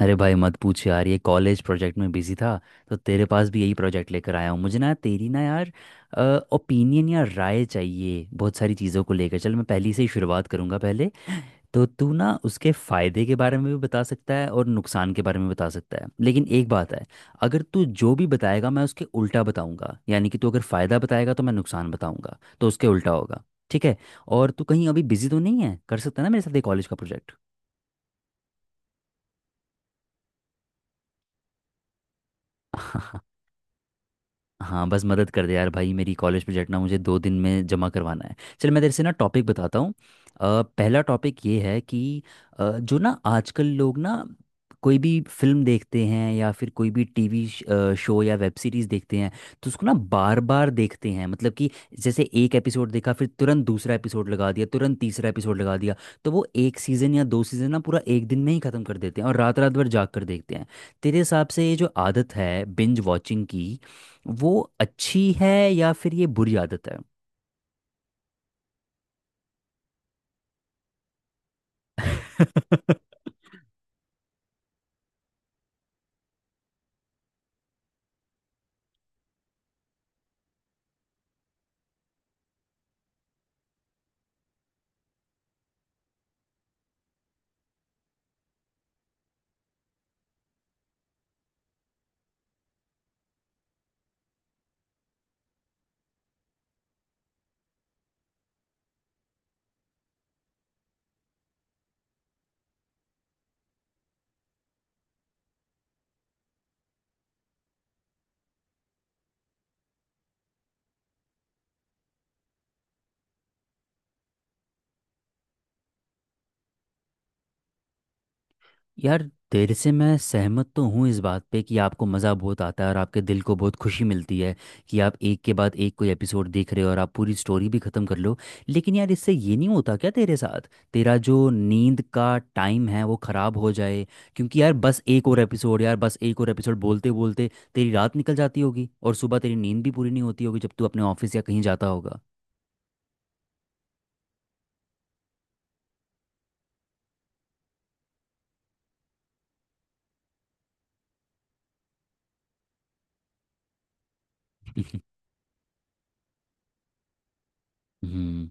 अरे भाई मत पूछ यार, ये कॉलेज प्रोजेक्ट में बिजी था। तो तेरे पास भी यही प्रोजेक्ट लेकर आया हूँ। मुझे ना तेरी ना यार ओपिनियन या राय चाहिए बहुत सारी चीज़ों को लेकर। चल मैं पहली से ही शुरुआत करूँगा। पहले तो तू ना उसके फ़ायदे के बारे में भी बता सकता है और नुकसान के बारे में बता सकता है, लेकिन एक बात है। अगर तू जो भी बताएगा मैं उसके उल्टा बताऊँगा, यानी कि तू अगर फ़ायदा बताएगा तो मैं नुकसान बताऊँगा, तो उसके उल्टा होगा। ठीक है। और तू कहीं अभी बिजी तो नहीं है? कर सकता है ना मेरे साथ ये कॉलेज का प्रोजेक्ट? हाँ, बस मदद कर दे यार भाई, मेरी कॉलेज प्रोजेक्ट ना मुझे 2 दिन में जमा करवाना है। चल मैं तेरे से ना टॉपिक बताता हूँ। पहला टॉपिक ये है कि जो ना आजकल लोग ना कोई भी फिल्म देखते हैं या फिर कोई भी टीवी शो या वेब सीरीज देखते हैं, तो उसको ना बार बार देखते हैं। मतलब कि जैसे एक एपिसोड देखा फिर तुरंत दूसरा एपिसोड लगा दिया, तुरंत तीसरा एपिसोड लगा दिया। तो वो एक सीज़न या दो सीज़न ना पूरा एक दिन में ही ख़त्म कर देते हैं और रात रात भर जाग कर देखते हैं। तेरे हिसाब से ये जो आदत है बिंज वॉचिंग की, वो अच्छी है या फिर ये बुरी आदत है? यार, तेरे से मैं सहमत तो हूँ इस बात पे कि आपको मज़ा बहुत आता है और आपके दिल को बहुत खुशी मिलती है कि आप एक के बाद एक कोई एपिसोड देख रहे हो और आप पूरी स्टोरी भी ख़त्म कर लो। लेकिन यार, इससे ये नहीं होता क्या तेरे साथ तेरा जो नींद का टाइम है वो ख़राब हो जाए? क्योंकि यार बस एक और एपिसोड, यार बस एक और एपिसोड बोलते बोलते तेरी रात निकल जाती होगी और सुबह तेरी नींद भी पूरी नहीं होती होगी जब तू अपने ऑफिस या कहीं जाता होगा। हम्म।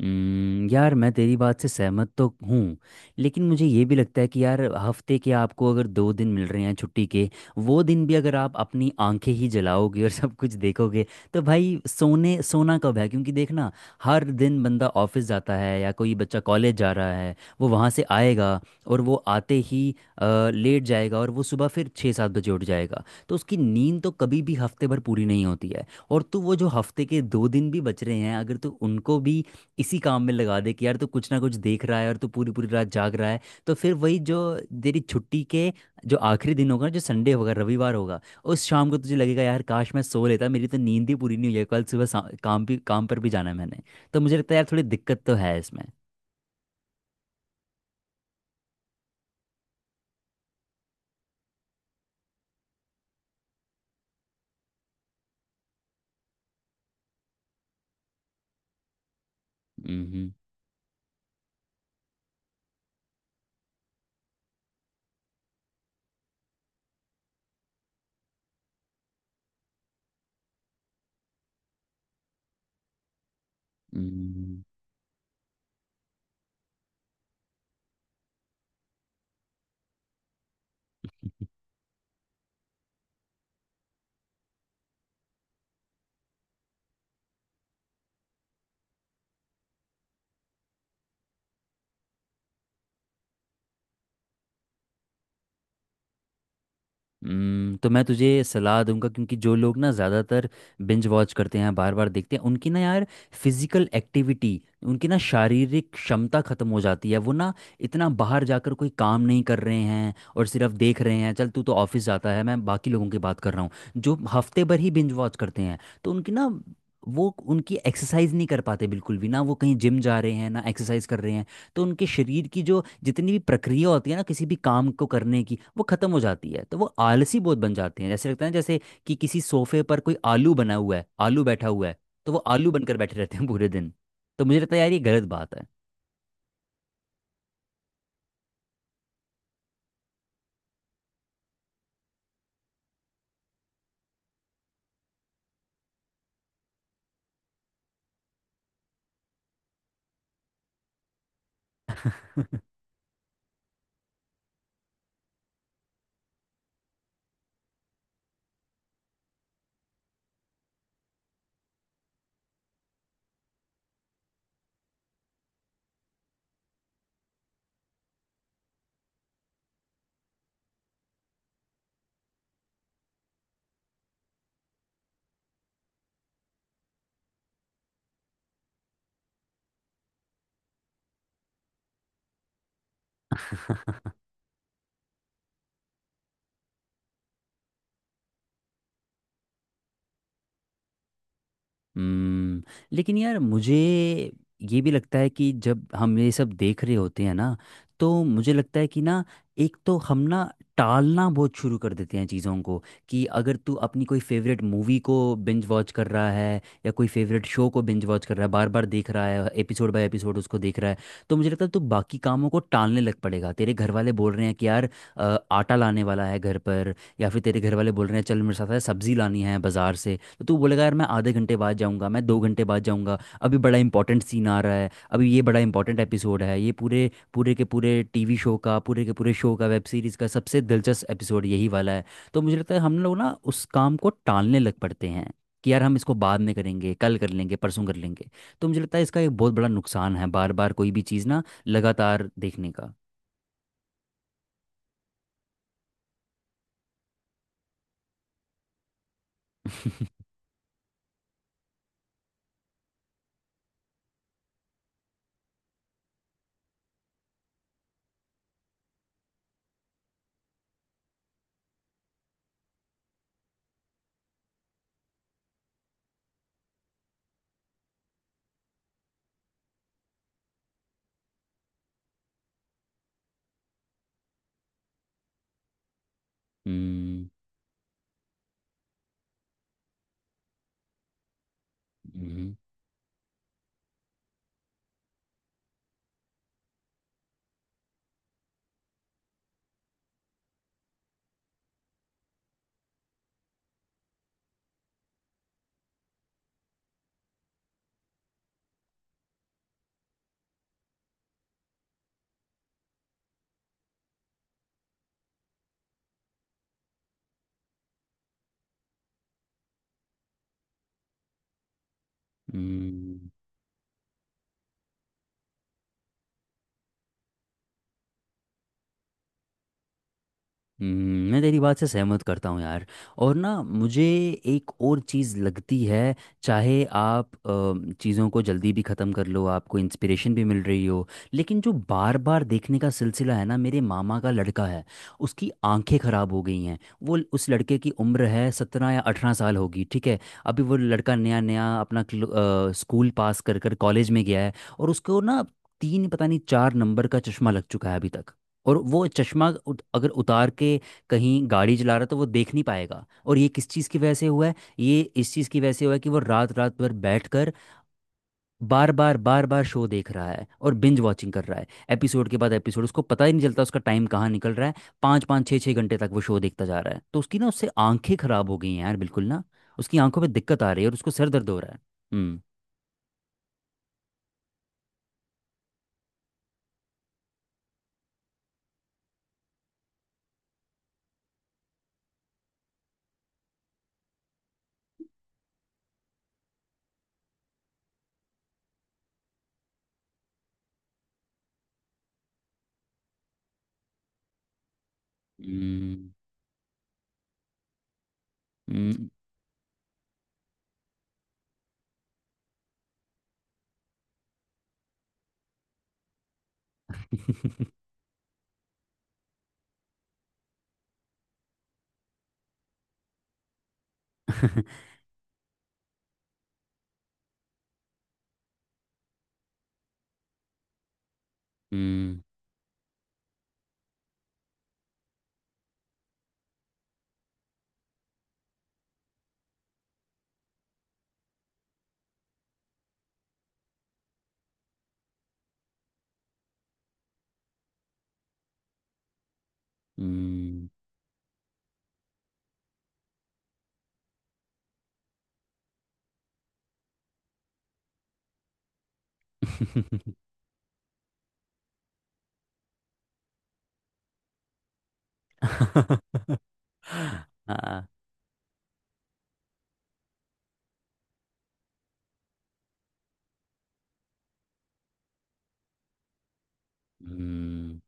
यार मैं तेरी बात से सहमत तो हूँ। लेकिन मुझे ये भी लगता है कि यार, हफ्ते के आपको अगर 2 दिन मिल रहे हैं छुट्टी के, वो दिन भी अगर आप अपनी आंखें ही जलाओगे और सब कुछ देखोगे, तो भाई सोने सोना कब है? क्योंकि देखना, हर दिन बंदा ऑफिस जाता है या कोई बच्चा कॉलेज जा रहा है, वो वहाँ से आएगा और वो आते ही अ, लेट जाएगा और वो सुबह फिर 6-7 बजे उठ जाएगा। तो उसकी नींद तो कभी भी हफ्ते भर पूरी नहीं होती है, और तू वो जो हफ्ते के दो दिन भी बच रहे हैं, अगर तू उनको भी इसी काम में लगा दे कि यार तू कुछ ना कुछ देख रहा है और तू पूरी पूरी रात जाग रहा है, तो फिर वही जो तेरी छुट्टी के जो आखिरी दिन होगा ना, जो संडे होगा रविवार होगा, उस शाम को तुझे लगेगा यार काश मैं सो लेता, मेरी तो नींद ही पूरी नहीं हुई है, कल सुबह काम भी, काम पर भी जाना है मैंने। तो मुझे लगता है यार थोड़ी दिक्कत तो है इसमें। हम्म। हम्म। तो मैं तुझे सलाह दूंगा क्योंकि जो लोग ना ज़्यादातर बिंज वॉच करते हैं, बार बार देखते हैं, उनकी ना यार फिजिकल एक्टिविटी, उनकी ना शारीरिक क्षमता खत्म हो जाती है। वो ना इतना बाहर जाकर कोई काम नहीं कर रहे हैं और सिर्फ देख रहे हैं। चल तू तो ऑफिस जाता है, मैं बाकी लोगों की बात कर रहा हूँ जो हफ्ते भर ही बिंज वॉच करते हैं। तो उनकी ना, वो उनकी एक्सरसाइज नहीं कर पाते बिल्कुल भी, ना वो कहीं जिम जा रहे हैं ना एक्सरसाइज कर रहे हैं। तो उनके शरीर की जो जितनी भी प्रक्रिया होती है ना किसी भी काम को करने की, वो खत्म हो जाती है। तो वो आलसी बहुत बन जाते हैं, जैसे लगता है ना जैसे कि किसी सोफे पर कोई आलू बना हुआ है, आलू बैठा हुआ है। तो वो आलू बनकर बैठे रहते हैं पूरे दिन। तो मुझे लगता है यार ये गलत बात है। हम्म। लेकिन यार, मुझे ये भी लगता है कि जब हम ये सब देख रहे होते हैं ना, तो मुझे लगता है कि ना, एक तो हम ना टालना बहुत शुरू कर देते हैं चीज़ों को। कि अगर तू अपनी कोई फेवरेट मूवी को बिंज वॉच कर रहा है, या कोई फेवरेट शो को बिंज वॉच कर रहा है, बार बार देख रहा है, एपिसोड बाय एपिसोड उसको देख रहा है, तो मुझे लगता है तू बाकी कामों को टालने लग पड़ेगा। तेरे घर वाले बोल रहे हैं कि यार आटा लाने वाला है घर पर, या फिर तेरे घर वाले बोल रहे हैं चल मेरे साथ है सब्जी लानी है बाजार से। तो तू बोलेगा यार मैं आधे घंटे बाद जाऊंगा, मैं 2 घंटे बाद जाऊंगा, अभी बड़ा इंपॉर्टेंट सीन आ रहा है, अभी ये बड़ा इंपॉर्टेंट एपिसोड है, ये पूरे पूरे के पूरे टीवी शो का पूरे के पूरे शो का वेब सीरीज का सबसे दिलचस्प एपिसोड यही वाला है। तो मुझे लगता है हम लोग ना उस काम को टालने लग पड़ते हैं कि यार हम इसको बाद में करेंगे, कल कर लेंगे, परसों कर लेंगे। तो मुझे लगता है इसका एक बहुत बड़ा नुकसान है बार बार कोई भी चीज़ ना लगातार देखने का। हम्म। हम्म। हम्म। मैं तेरी बात से सहमत करता हूँ यार। और ना मुझे एक और चीज़ लगती है। चाहे आप चीज़ों को जल्दी भी ख़त्म कर लो, आपको इंस्पिरेशन भी मिल रही हो, लेकिन जो बार बार देखने का सिलसिला है ना, मेरे मामा का लड़का है, उसकी आंखें ख़राब हो गई हैं। वो उस लड़के की उम्र है 17 या 18 साल होगी, ठीक है। अभी वो लड़का नया नया अपना स्कूल पास कर कर कॉलेज में गया है। और उसको ना तीन पता नहीं चार नंबर का चश्मा लग चुका है अभी तक। और वो चश्मा अगर उतार के कहीं गाड़ी चला रहा है तो वो देख नहीं पाएगा। और ये किस चीज़ की वजह से हुआ है? ये इस चीज़ की वजह से हुआ है कि वो रात रात भर बैठ कर बार बार बार बार शो देख रहा है और बिंज वॉचिंग कर रहा है, एपिसोड के बाद एपिसोड, उसको पता ही नहीं चलता उसका टाइम कहाँ निकल रहा है। पाँच पाँच छः छः घंटे तक वो शो देखता जा रहा है, तो उसकी ना, उससे आंखें खराब हो गई हैं यार बिल्कुल ना। उसकी आंखों में दिक्कत आ रही है और उसको सर दर्द हो रहा है। हम्म। हम्म। हम्म। हम्म। हम्म। हाँ। हम्म।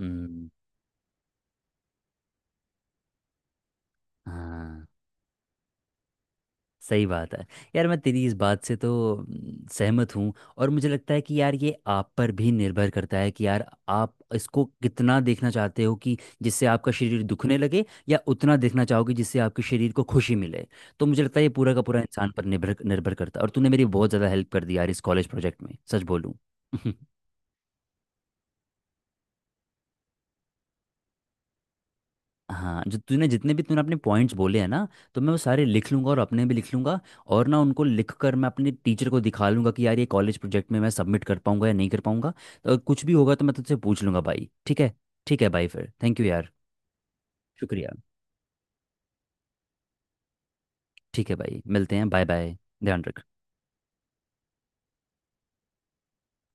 हम्म, हाँ सही बात है। यार मैं तेरी इस बात से तो सहमत हूँ। और मुझे लगता है कि यार ये आप पर भी निर्भर करता है कि यार आप इसको कितना देखना चाहते हो कि जिससे आपका शरीर दुखने लगे, या उतना देखना चाहोगे जिससे आपके शरीर को खुशी मिले। तो मुझे लगता है ये पूरा का पूरा इंसान पर निर्भर निर्भर करता है, और तूने मेरी बहुत ज़्यादा हेल्प कर दी यार इस कॉलेज प्रोजेक्ट में, सच बोलूँ। हाँ, जो तूने, जितने भी तूने अपने पॉइंट्स बोले हैं ना, तो मैं वो सारे लिख लूंगा और अपने भी लिख लूंगा। और ना उनको लिख कर मैं अपने टीचर को दिखा लूंगा कि यार ये कॉलेज प्रोजेक्ट में मैं सबमिट कर पाऊंगा या नहीं कर पाऊंगा। तो कुछ भी होगा तो मैं तुझसे पूछ लूंगा भाई, ठीक है। ठीक है भाई, फिर थैंक यू यार। शुक्रिया। ठीक है भाई, मिलते हैं, बाय बाय। ध्यान रख।